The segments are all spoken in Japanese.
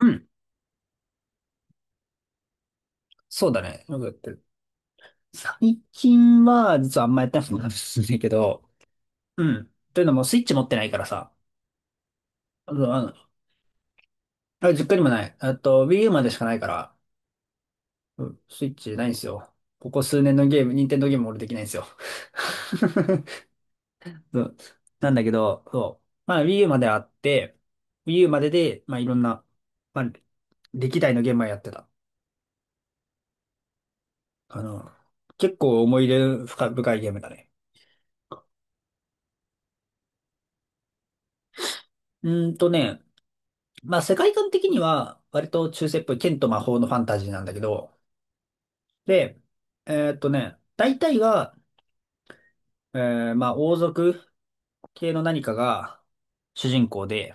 うん。そうだね。よくやってる。最近は、実はあんまやってないってるんですけど、うん。というのも、スイッチ持ってないからさ。あの、あ実家にもない。あと、Wii U までしかないから、うん、スイッチないんですよ。ここ数年のゲーム、任天堂ゲーム俺できないんですよ。そうなんだけど、そう。まあ、Wii U まであって、Wii U までで、まあ、いろんな、まあ、歴代のゲームはやってた。あの、結構思い入れ深いゲームだね。うーんとね、まあ世界観的には割と中世っぽい剣と魔法のファンタジーなんだけど、で、大体が、まあ王族系の何かが主人公で、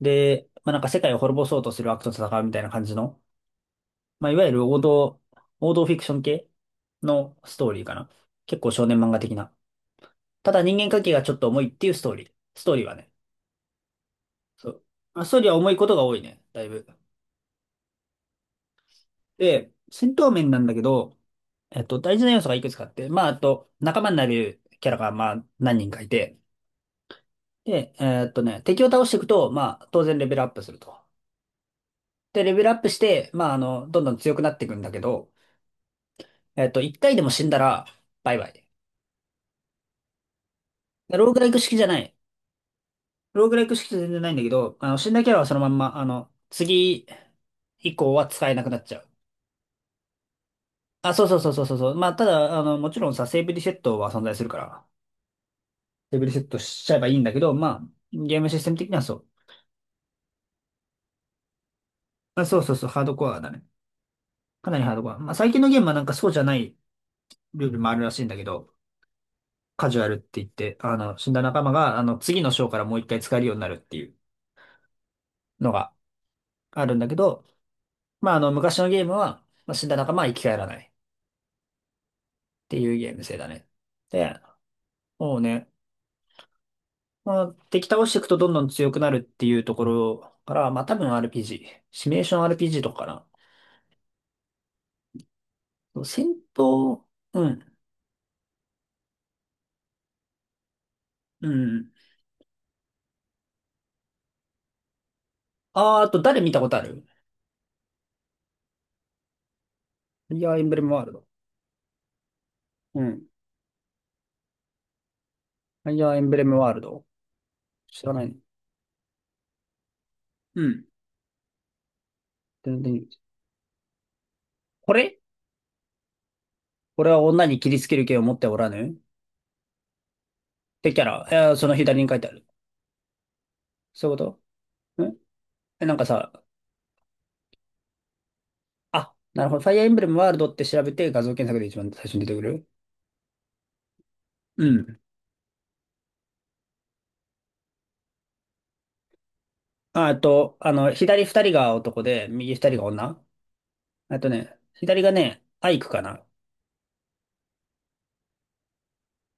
で、まあなんか世界を滅ぼそうとする悪と戦うみたいな感じの、まあいわゆる王道フィクション系のストーリーかな。結構少年漫画的な。ただ人間関係がちょっと重いっていうストーリー。ストーリーはね。そう。まあストーリーは重いことが多いね。だいぶ。で、戦闘面なんだけど、えっと、大事な要素がいくつかあって、まあ、あと、仲間になるキャラが、まあ、何人かいて、で、えっとね、敵を倒していくと、まあ、当然レベルアップすると。で、レベルアップして、まあ、あの、どんどん強くなっていくんだけど、えっと、一回でも死んだら、バイバイ。でローグライク式じゃない。ローグライク式じゃ全然ないんだけど、あの、死んだキャラはそのまんま、あの、次以降は使えなくなっちゃう。あ、そうそうそうそうそうそう。まあ、ただ、あの、もちろんさ、セーブリセットは存在するから。レベルセットしちゃえばいいんだけど、まあ、ゲームシステム的にはそう。まあ、そうそうそう、ハードコアだね。かなりハードコア。まあ、最近のゲームはなんかそうじゃないルールもあるらしいんだけど、カジュアルって言って、あの、死んだ仲間が、あの、次の章からもう一回使えるようになるっていうのがあるんだけど、まあ、あの、昔のゲームは、まあ、死んだ仲間は生き返らないっていうゲーム性だね。で、もうね、まあ、敵倒していくとどんどん強くなるっていうところから、まあ、多分 RPG、シミュレーション RPG とかかな。戦闘、うん。うん。あー、あと誰見たことあるファイヤーエンブレムワールド。うん。ファイヤーエンブレムワールド。知らないね。うん。全然。これこれは女に切りつける剣を持っておらぬってキャラ。その左に書いてある。そういうことんなんかさ、あ、なるほど。ファイアーエンブレムワールドって調べて画像検索で一番最初に出てくるうん。ああと、あの、左二人が男で、右二人が女。あとね、左がね、アイクかな。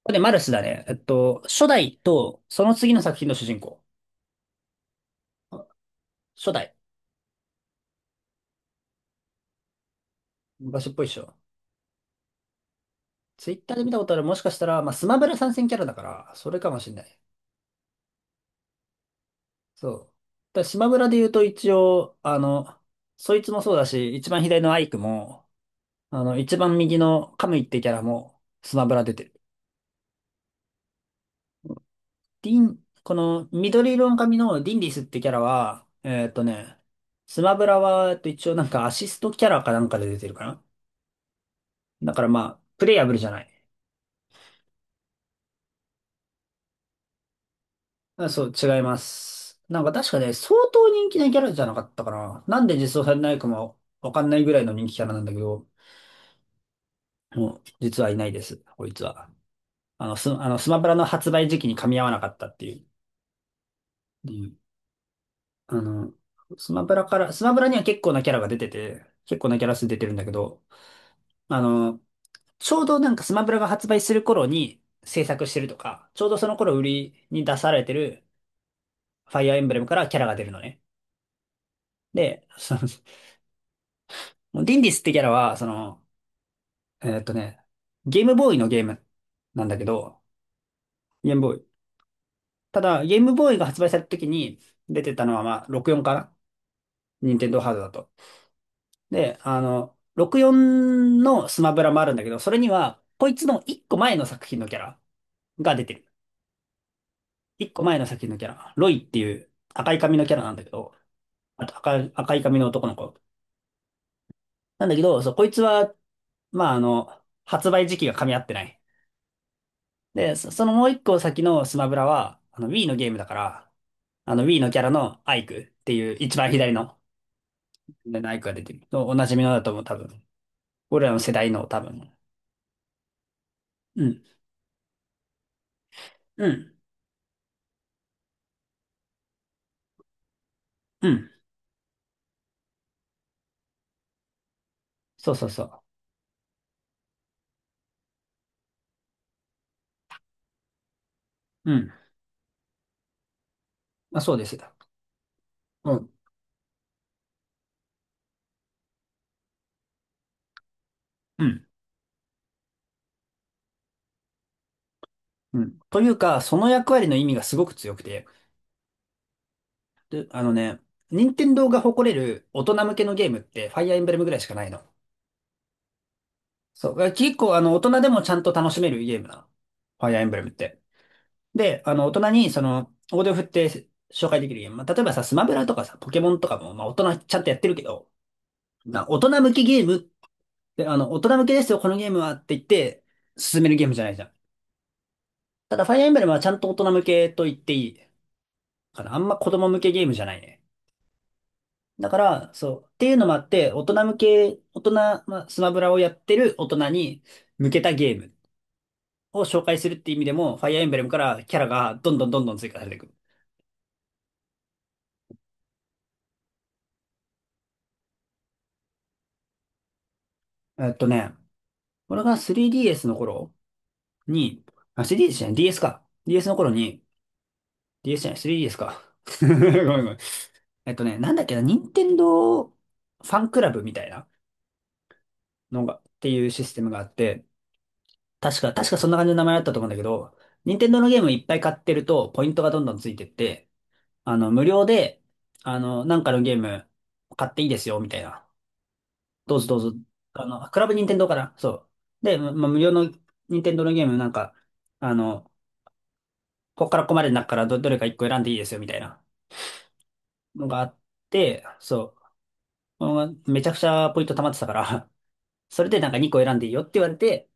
これねマルスだね。えっと、初代と、その次の作品の主人公。初代。昔っぽいっしょ。ツイッターで見たことある、もしかしたら、まあ、スマブラ参戦キャラだから、それかもしれない。そう。だからスマブラで言うと一応、あの、そいつもそうだし、一番左のアイクも、あの、一番右のカムイってキャラもスマブラ出てる。ディン、この緑色の髪のディンディスってキャラは、スマブラは、えっと、一応なんかアシストキャラかなんかで出てるかな。だからまあ、プレイヤブルじゃない。あ、そう、違います。なんか確かね、相当人気なキャラじゃなかったかな。なんで実装されないかもわかんないぐらいの人気キャラなんだけど、もう実はいないです、こいつは。あの、スマブラの発売時期に噛み合わなかったっていう。うんあの、スマブラから、スマブラには結構なキャラが出てて、結構なキャラ数出てるんだけど、あの、ちょうどなんかスマブラが発売する頃に制作してるとか、ちょうどその頃売りに出されてるファイアーエンブレムからキャラが出るのね。で、そのもうディンディスってキャラは、その、えーっとね、ゲームボーイのゲームなんだけど、ゲームボーイ。ただ、ゲームボーイが発売された時に出てたのは、まあ、64かな任天堂ハードだと。で、あの、64のスマブラもあるんだけど、それには、こいつの一個前の作品のキャラが出てる。一個前の作品のキャラ。ロイっていう赤い髪のキャラなんだけど、あと赤い髪の男の子。なんだけど、そう、こいつは、まあ、あの、発売時期が噛み合ってない。で、のもう一個先のスマブラは、あの Wii のゲームだから、あの Wii のキャラのアイクっていう一番左の、アイクが出てる。おおなじみのだと思う、多分。俺らの世代の多分。うん。うん。うん。そうそうそう。うん。まあそうですよ。うん。うん。うん。というか、その役割の意味がすごく強くて、で、あのね、任天堂が誇れる大人向けのゲームって、ファイアーエンブレムぐらいしかないの。そう。結構、あの、大人でもちゃんと楽しめるゲームなの。ファイアーエンブレムって。で、あの、大人に、その、大手を振って紹介できるゲーム。まあ、例えばさ、スマブラとかさ、ポケモンとかも、まあ、大人ちゃんとやってるけど、まあ、大人向きゲームであの、大人向けですよ、このゲームはって言って、進めるゲームじゃないじゃん。ただ、ファイアーエンブレムはちゃんと大人向けと言っていいかな。あんま子供向けゲームじゃないね。だから、そう。っていうのもあって、大人向け、大人、まあ、スマブラをやってる大人に向けたゲームを紹介するっていう意味でも、ファイアーエンブレムからキャラがどんどんどんどん追加されていく。えっとね、俺が 3DS の頃、に、あ、3DS じゃな DS か。DS の頃に、DS じゃない、3DS か。ごめんごめん。えっとね、なんだっけな、任天堂ファンクラブみたいなのが、っていうシステムがあって、確かそんな感じの名前だったと思うんだけど、任天堂のゲームいっぱい買ってると、ポイントがどんどんついてって、あの、無料で、あの、なんかのゲーム買っていいですよ、みたいな。どうぞどうぞ。あの、クラブ任天堂かなそう。で、ま、無料の任天堂のゲームなんか、あの、ここからここまでの中からどれか一個選んでいいですよみたいなのがあって、そう、うんめちゃくちゃポイント溜まってたから それでなんか2個選んでいいよって言われて、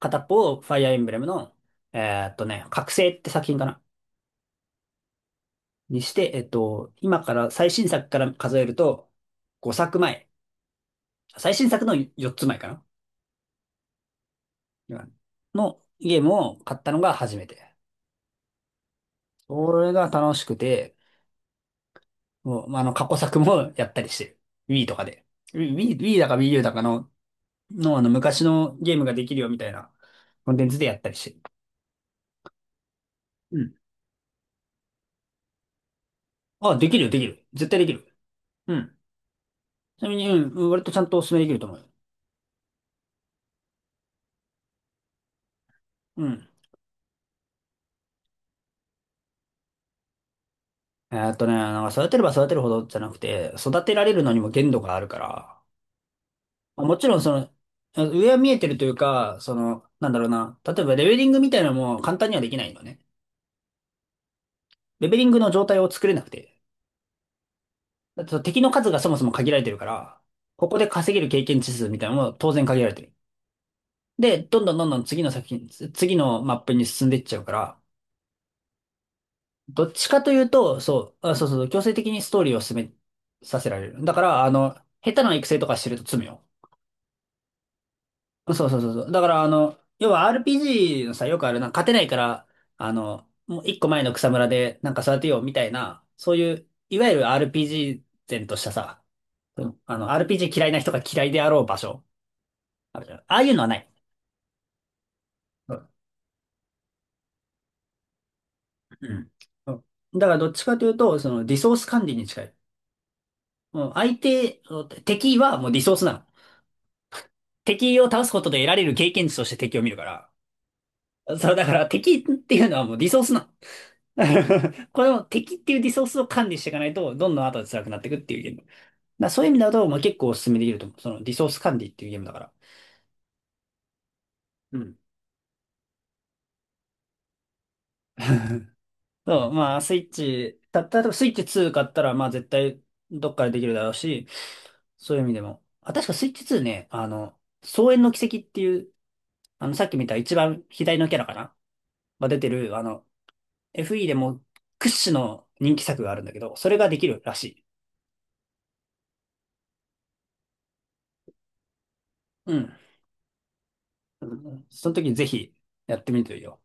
片っぽをファイアーエンブレムの、え覚醒って作品かなにして、今から最新作から数えると5作前、最新作の4つ前かな今のゲームを買ったのが初めて。それが楽しくて、もう、まあ過去作もやったりしてる。Wii とかで。Wii だか Wii U だかのの、昔のゲームができるよみたいなコンテンツでやったりして。うん。あ、できるよ、できる。絶対できる。うん。ちなみに、うん、割とちゃんとお勧めできると思うよ。うん。なんか育てれば育てるほどじゃなくて、育てられるのにも限度があるから、まあもちろんその、あ上は見えてるというか、その、なんだろうな、例えばレベリングみたいなのも簡単にはできないのね。レベリングの状態を作れなくて。だってその敵の数がそもそも限られてるから、ここで稼げる経験値数みたいなのも当然限られてる。で、どんどんどんどん次の作品、次のマップに進んでいっちゃうから、どっちかというと、そう、あ、そうそう、強制的にストーリーを進めさせられる。だから、下手な育成とかしてると罪よ。そうそうそうそう。だから、要は RPG のさ、よくあるな、勝てないから、もう一個前の草むらでなんか育てようみたいな、そういう、いわゆる RPG 前としたさ、うんRPG 嫌いな人が嫌いであろう場所、あるじゃん。ああいうのはない。うん。うんだから、どっちかというと、その、リソース管理に近い。もう相手、敵はもうリソースなの。敵を倒すことで得られる経験値として敵を見るから。そう、だから敵っていうのはもうリソースなの。これも敵っていうリソースを管理していかないと、どんどん後で辛くなっていくっていうゲーム。だからそういう意味だと、まあ、結構おすすめできると思う。そのリソース管理っていうゲームだから。うん。そう、まあ、スイッチ、たった、例えばスイッチ2買ったら、まあ絶対どっかでできるだろうし、そういう意味でも。あ、確かスイッチ2ね、双円の軌跡っていう、さっき見た一番左のキャラかなが出てる、FE でも屈指の人気作があるんだけど、それができるらしい。うん。うんその時ぜひやってみてよ。